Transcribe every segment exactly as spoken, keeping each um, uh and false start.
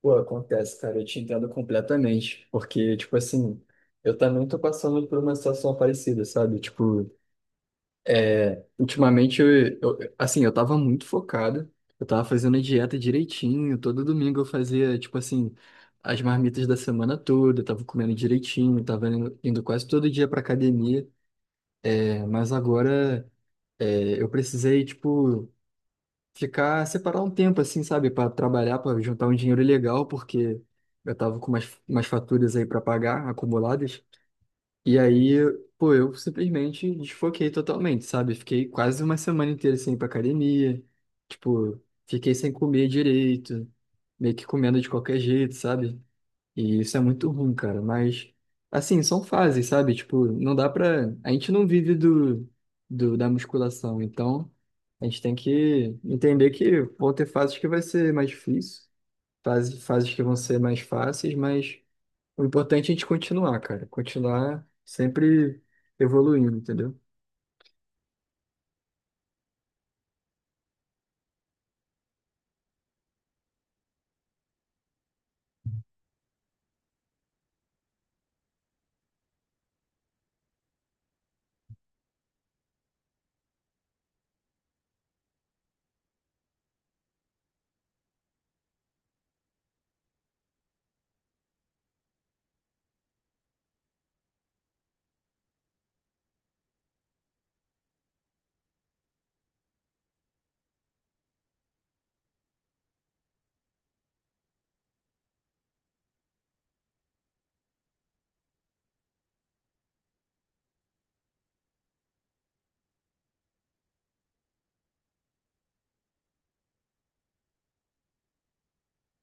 Pô, acontece, cara, eu te entendo completamente, porque, tipo assim, eu também tô passando por uma situação parecida, sabe? Tipo, é, ultimamente, eu, eu- assim, eu tava muito focado, eu tava fazendo a dieta direitinho, todo domingo eu fazia, tipo assim, as marmitas da semana toda, eu tava comendo direitinho, tava indo, indo quase todo dia pra academia, é, mas agora, é, eu precisei, tipo ficar, separar um tempo, assim, sabe, para trabalhar, para juntar um dinheiro legal, porque eu tava com umas, umas faturas aí para pagar, acumuladas. E aí, pô, eu simplesmente desfoquei totalmente, sabe? Fiquei quase uma semana inteira sem ir pra academia, tipo, fiquei sem comer direito, meio que comendo de qualquer jeito, sabe? E isso é muito ruim, cara. Mas, assim, são fases, sabe? Tipo, não dá pra. A gente não vive do, do da musculação. Então, a gente tem que entender que vão ter fases que vai ser mais difícil, fases, fases que vão ser mais fáceis, mas o importante é a gente continuar, cara. Continuar sempre evoluindo, entendeu?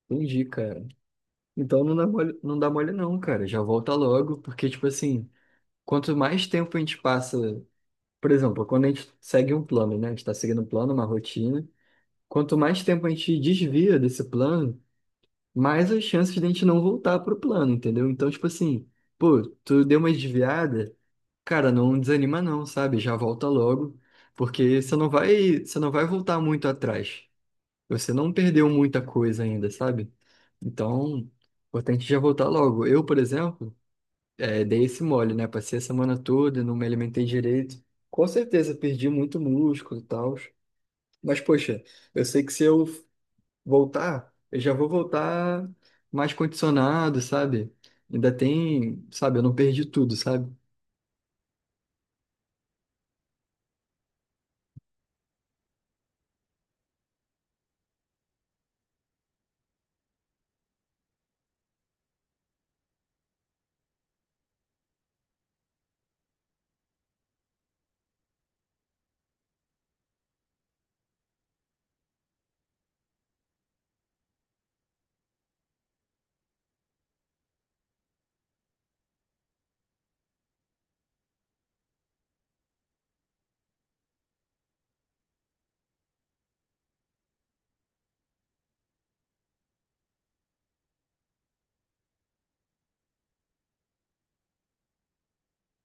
Entendi, cara. Então não dá mole, não dá mole não, cara. Já volta logo, porque, tipo assim, quanto mais tempo a gente passa. Por exemplo, quando a gente segue um plano, né? A gente está seguindo um plano, uma rotina. Quanto mais tempo a gente desvia desse plano, mais as chances de a gente não voltar pro plano, entendeu? Então, tipo assim, pô, tu deu uma desviada, cara, não desanima não, sabe? Já volta logo, porque você não vai, você não vai voltar muito atrás. Você não perdeu muita coisa ainda, sabe? Então, importante já voltar logo. Eu, por exemplo, é, dei esse mole, né? Passei a semana toda, não me alimentei direito. Com certeza, perdi muito músculo e tal. Mas, poxa, eu sei que se eu voltar, eu já vou voltar mais condicionado, sabe? Ainda tem, sabe? Eu não perdi tudo, sabe?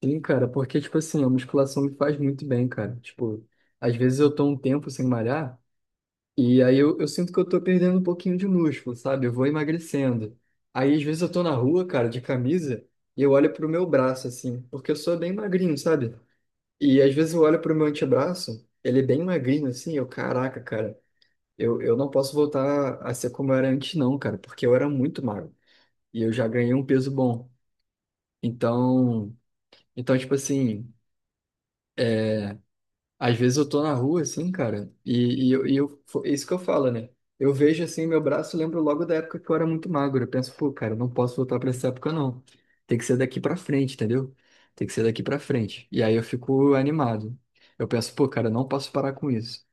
Sim, cara, porque, tipo assim, a musculação me faz muito bem, cara. Tipo, às vezes eu tô um tempo sem malhar. E aí eu, eu sinto que eu tô perdendo um pouquinho de músculo, sabe? Eu vou emagrecendo. Aí às vezes eu tô na rua, cara, de camisa, e eu olho pro meu braço, assim, porque eu sou bem magrinho, sabe? E às vezes eu olho pro meu antebraço, ele é bem magrinho, assim, eu, caraca, cara, eu, eu não posso voltar a ser como eu era antes, não, cara, porque eu era muito magro. E eu já ganhei um peso bom. Então, então, tipo assim. Às vezes eu tô na rua, assim, cara, e, e, eu, e eu- fo- é isso que eu falo, né? Eu vejo, assim, meu braço, eu lembro logo da época que eu era muito magro. Eu penso, pô, cara, eu não posso voltar pra essa época, não. Tem que ser daqui pra frente, entendeu? Tem que ser daqui pra frente. E aí eu fico animado. Eu penso, pô, cara, eu não posso parar com isso.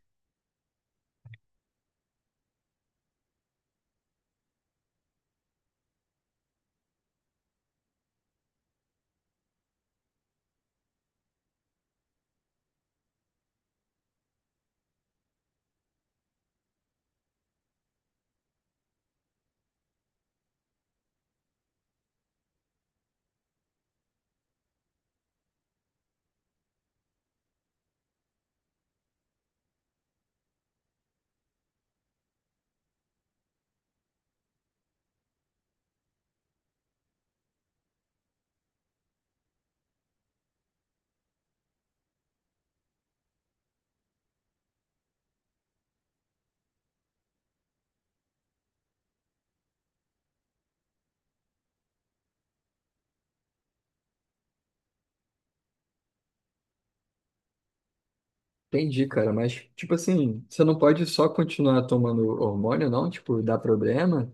Entendi, cara, mas, tipo assim, você não pode só continuar tomando hormônio, não? Tipo, dá problema?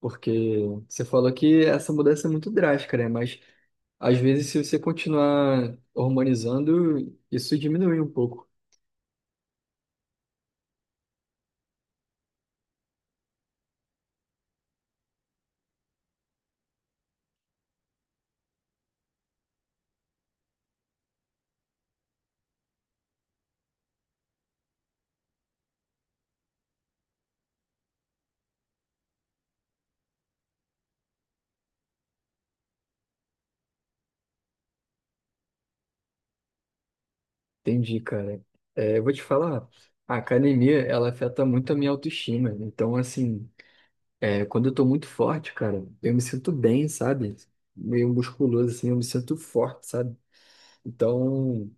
Porque você falou que essa mudança é muito drástica, né? Mas às vezes, se você continuar hormonizando, isso diminui um pouco. Entendi, cara. É, eu vou te falar, a academia, ela afeta muito a minha autoestima. Então, assim, é, quando eu tô muito forte, cara, eu me sinto bem, sabe? Meio musculoso, assim, eu me sinto forte, sabe? Então,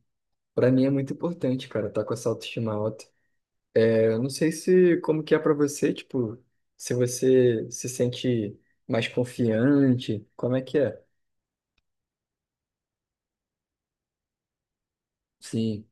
pra mim é muito importante, cara, tá com essa autoestima alta. É, eu não sei se, como que é pra você, tipo, se você se sente mais confiante, como é que é? Sim.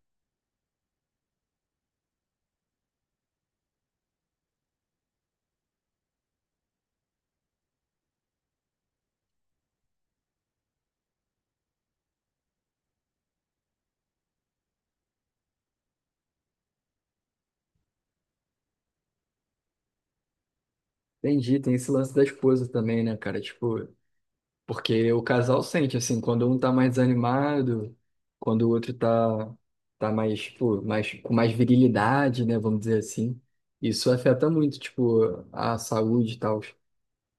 Entendi, tem esse lance da esposa também, né, cara? Tipo, porque o casal sente, assim, quando um tá mais desanimado, quando o outro tá, tá mais, tipo, mais, com mais virilidade, né, vamos dizer assim. Isso afeta muito, tipo, a saúde e tal.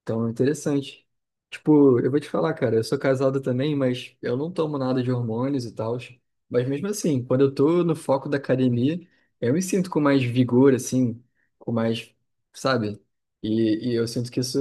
Então, é interessante. Tipo, eu vou te falar, cara, eu sou casado também, mas eu não tomo nada de hormônios e tal. Mas mesmo assim, quando eu tô no foco da academia, eu me sinto com mais vigor, assim, com mais, sabe? E, e eu sinto que isso,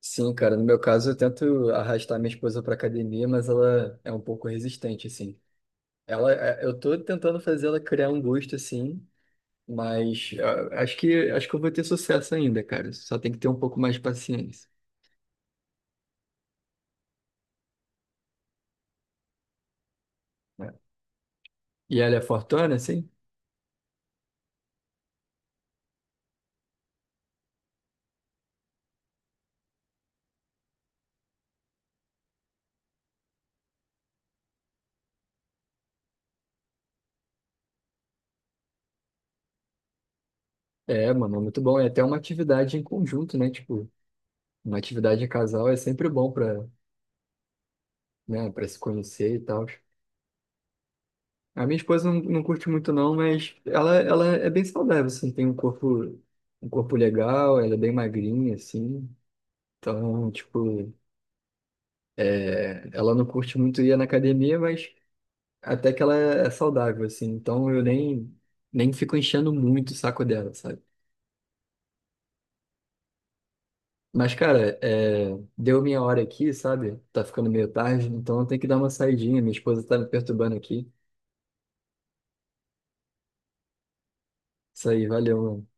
sim, cara, no meu caso eu tento arrastar minha esposa pra academia, mas ela é um pouco resistente, assim. Ela, é- eu tô tentando fazer ela criar um gosto, assim, mas ah, acho que, acho que eu vou ter sucesso ainda, cara. Só tem que ter um pouco mais de paciência. E ela é fortona, assim? É, mano, é muito bom. É até uma atividade em conjunto, né? Tipo, uma atividade em casal é sempre bom pra, né, pra se conhecer e tal. A minha esposa não, não curte muito, não, mas ela, ela é bem saudável, assim, tem um corpo, um corpo legal, ela é bem magrinha, assim. Então, tipo, é, ela não curte muito ir na academia, mas até que ela é saudável, assim. Então eu nem, nem fico enchendo muito o saco dela, sabe? Mas, cara, é, deu minha hora aqui, sabe? Tá ficando meio tarde, então eu tenho que dar uma saidinha. Minha esposa tá me perturbando aqui. Isso aí, valeu, mano.